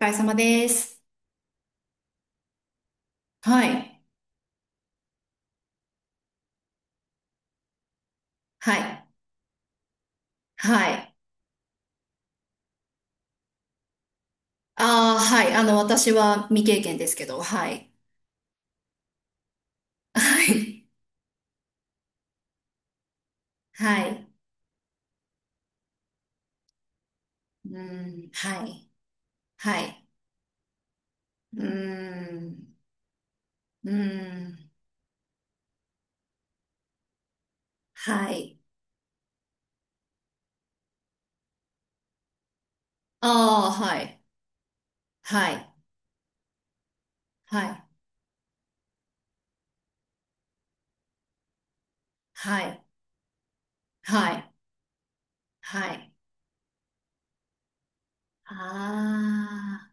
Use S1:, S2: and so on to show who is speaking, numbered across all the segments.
S1: お疲れ様です。はい。はい。はい。ああ、はい。あの、私は未経験ですけど、はい。はい。はい。うん、はい。はい。うん、うん、はい。ああ、はい。はい。はい。はい。はい。はい。あ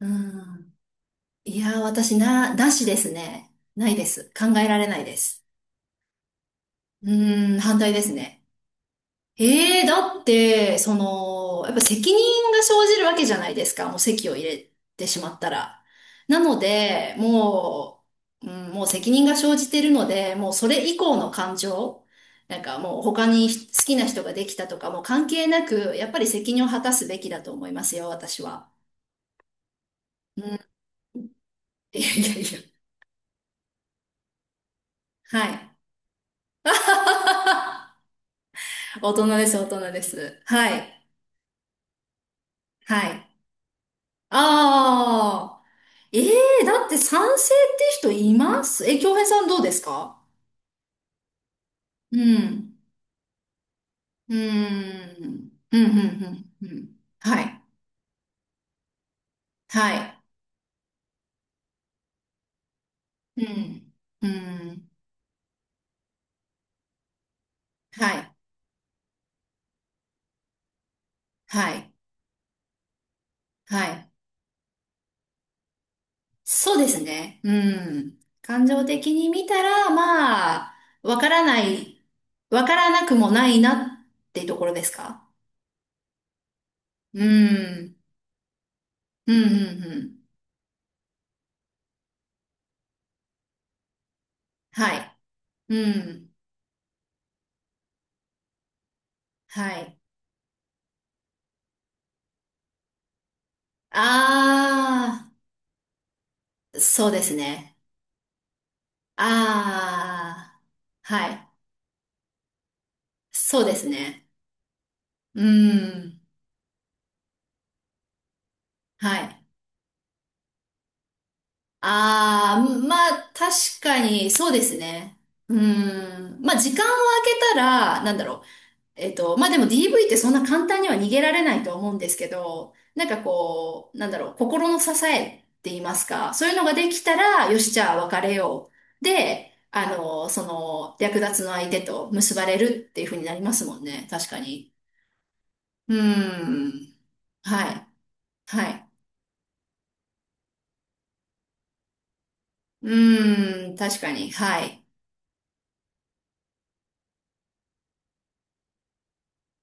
S1: あ、うん。いやー、なしですね。ないです。考えられないです。うーん、反対ですね。ええ、だって、その、やっぱ責任が生じるわけじゃないですか。もう籍を入れてしまったら。なので、もう、うん、もう責任が生じているので、もうそれ以降の感情、なんかもう他に好きな人ができたとかもう関係なく、やっぱり責任を果たすべきだと思いますよ、私は。うん。いやいやいや。はい。大人です、大人です。はい。はい。ああ。ええ、だって賛成って人います？京平さんどうですか？うん。うん。うん、うん、うん、うん。はい。はい。うん。うん。はい。はい。はい。そうですね。うん。感情的に見たら、まあ、わからない、わからなくもないなってところですか？うん。うん、うん、うん。はい。うん。はい。ああ、そうですね。ああ、はい。そうですね。うーん。はい。ああ、まあ、確かに、そうですね。うん。まあ、時間を空けたら、なんだろう。まあでも DV ってそんな簡単には逃げられないと思うんですけど、なんかこう、なんだろう、心の支えって言いますか、そういうのができたら、よし、じゃあ別れよう。で、あの、その、略奪の相手と結ばれるっていう風になりますもんね。確かに。うーん。はい。はい。うーん。確かに。はい。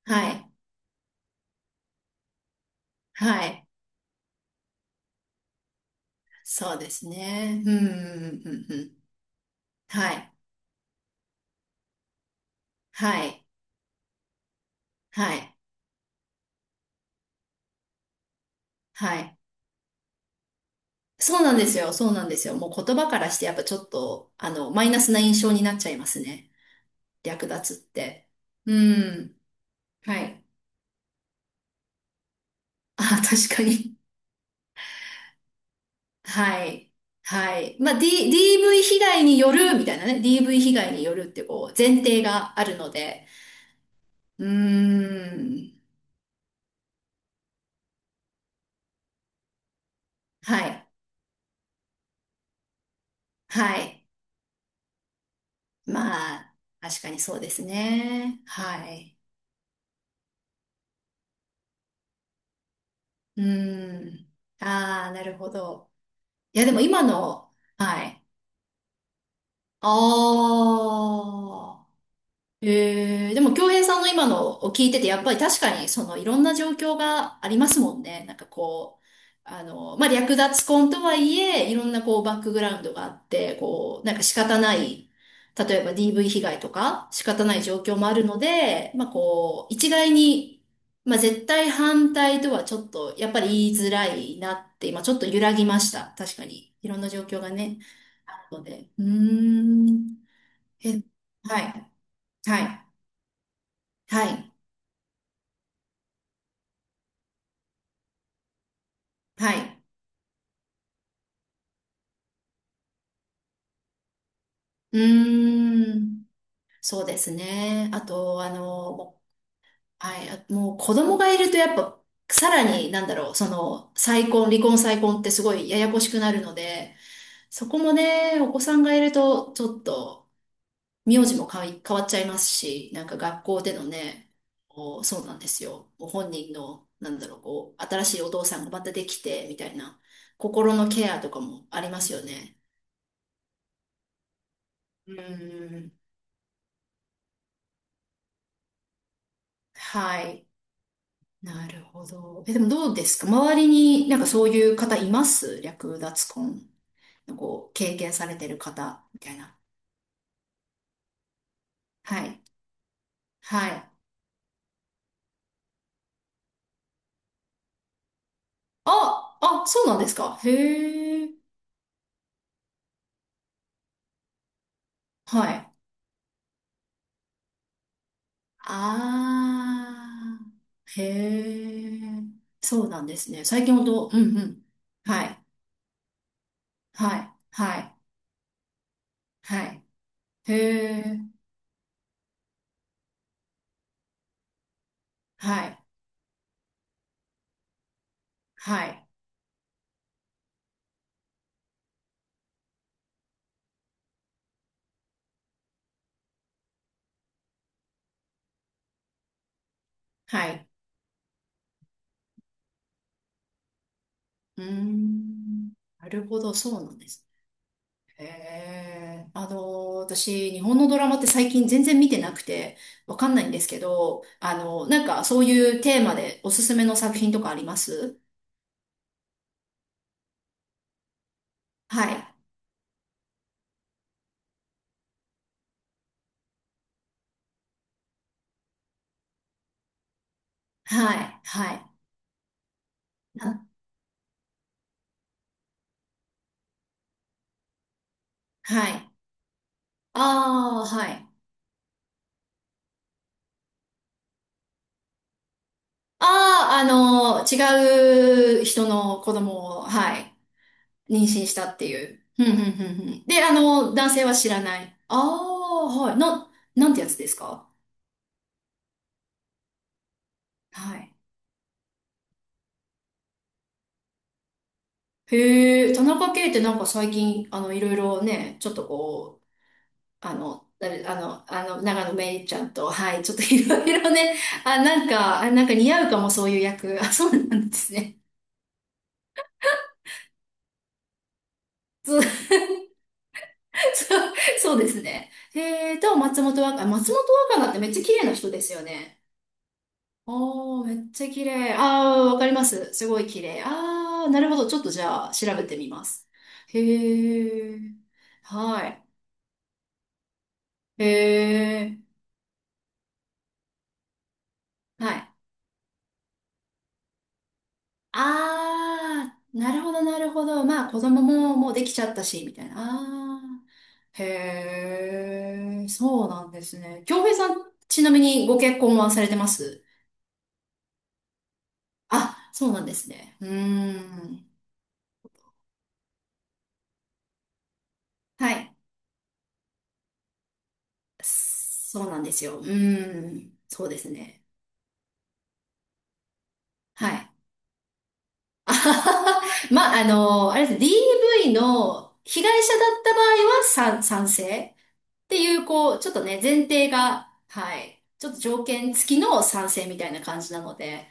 S1: はい。はい。そうですね。うん。うんうんうんはい。はい。はい。はい。そうなんですよ。そうなんですよ。もう言葉からしてやっぱちょっと、あの、マイナスな印象になっちゃいますね。略奪って。うん。はい。あ、確かに。はい。はい。まあ、DV 被害によるみたいなね。DV 被害によるってこう、前提があるので。うーん。はい。はい。まあ、確かにそうですね。はい。うーん。ああ、なるほど。いや、でも今の、はい。ああ。でも、京平さんの今のを聞いてて、やっぱり確かに、その、いろんな状況がありますもんね。なんかこう、あの、まあ、略奪婚とはいえ、いろんなこう、バックグラウンドがあって、こう、なんか仕方ない、例えば DV 被害とか、仕方ない状況もあるので、まあ、こう、一概に、まあ、絶対反対とはちょっと、やっぱり言いづらいなって、今ちょっと揺らぎました。確かに。いろんな状況がね、あるので。うーん。え、はい。はい。はい。はい。うーん。そうですね。あと、あの、もう、はい。あ、もう子供がいるとやっぱ、さらに、なんだろう、その、再婚、離婚再婚ってすごいややこしくなるので、そこもね、お子さんがいると、ちょっと、名字も変わっちゃいますし、なんか学校でのね、こう、そうなんですよ。ご本人の、なんだろう、こう、新しいお父さんがまたできて、みたいな、心のケアとかもありますよね。うーん。はい。なるほど。え、でもどうですか？周りになんかそういう方います？略奪婚。こう、経験されてる方、みたいな。はい。はい。そうなんですか？へえ。はい。あー。へえ。そうなんですね。最近ほど、うんうん。はい。はい。はい。はい。へえ。はい。はい。はい。うーん。なるほど、そうなんですね。へえ、あの、私、日本のドラマって最近全然見てなくて、わかんないんですけど、あの、なんかそういうテーマでおすすめの作品とかあります？はい、はい、はい、なはい。ああ、はい。ああ、あの、違う人の子供を、はい、妊娠したっていう。ふんふんふんふん。で、あの、男性は知らない。ああ、はい。なんてやつですか？はい。へえ、田中圭ってなんか最近、あの、いろいろね、ちょっとこう、あれ、長野めいちゃんと、はい、ちょっといろいろね、あ、なんか似合うかも、そういう役。あ、そうなんですね。そう、そう、そうですね。へえ、と、松本若菜ってめっちゃ綺麗な人ですよね。おー、めっちゃ綺麗。あー、わかります。すごい綺麗。あー、なるほど。ちょっとじゃあ、調べてみます。へえ、はい。へえ、はい。ああ、なるほど、なるほど。まあ、子供ももうできちゃったし、みたいな。ああ、へえ、そうなんですね。京平さん、ちなみにご結婚はされてます？あ、そうなんですね。うーん。はい。そうなんですよ。うーん。そうですね。はい。あははは。まあ、あの、あれですね。DV の被害者だった場合は賛成っていう、こう、ちょっとね、前提が、はい。ちょっと条件付きの賛成みたいな感じなので、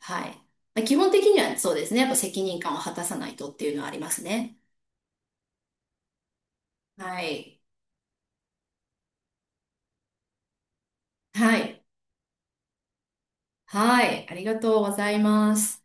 S1: はい。まあ基本的にはそうですね。やっぱ責任感を果たさないとっていうのはありますね。はい。はい。はい。ありがとうございます。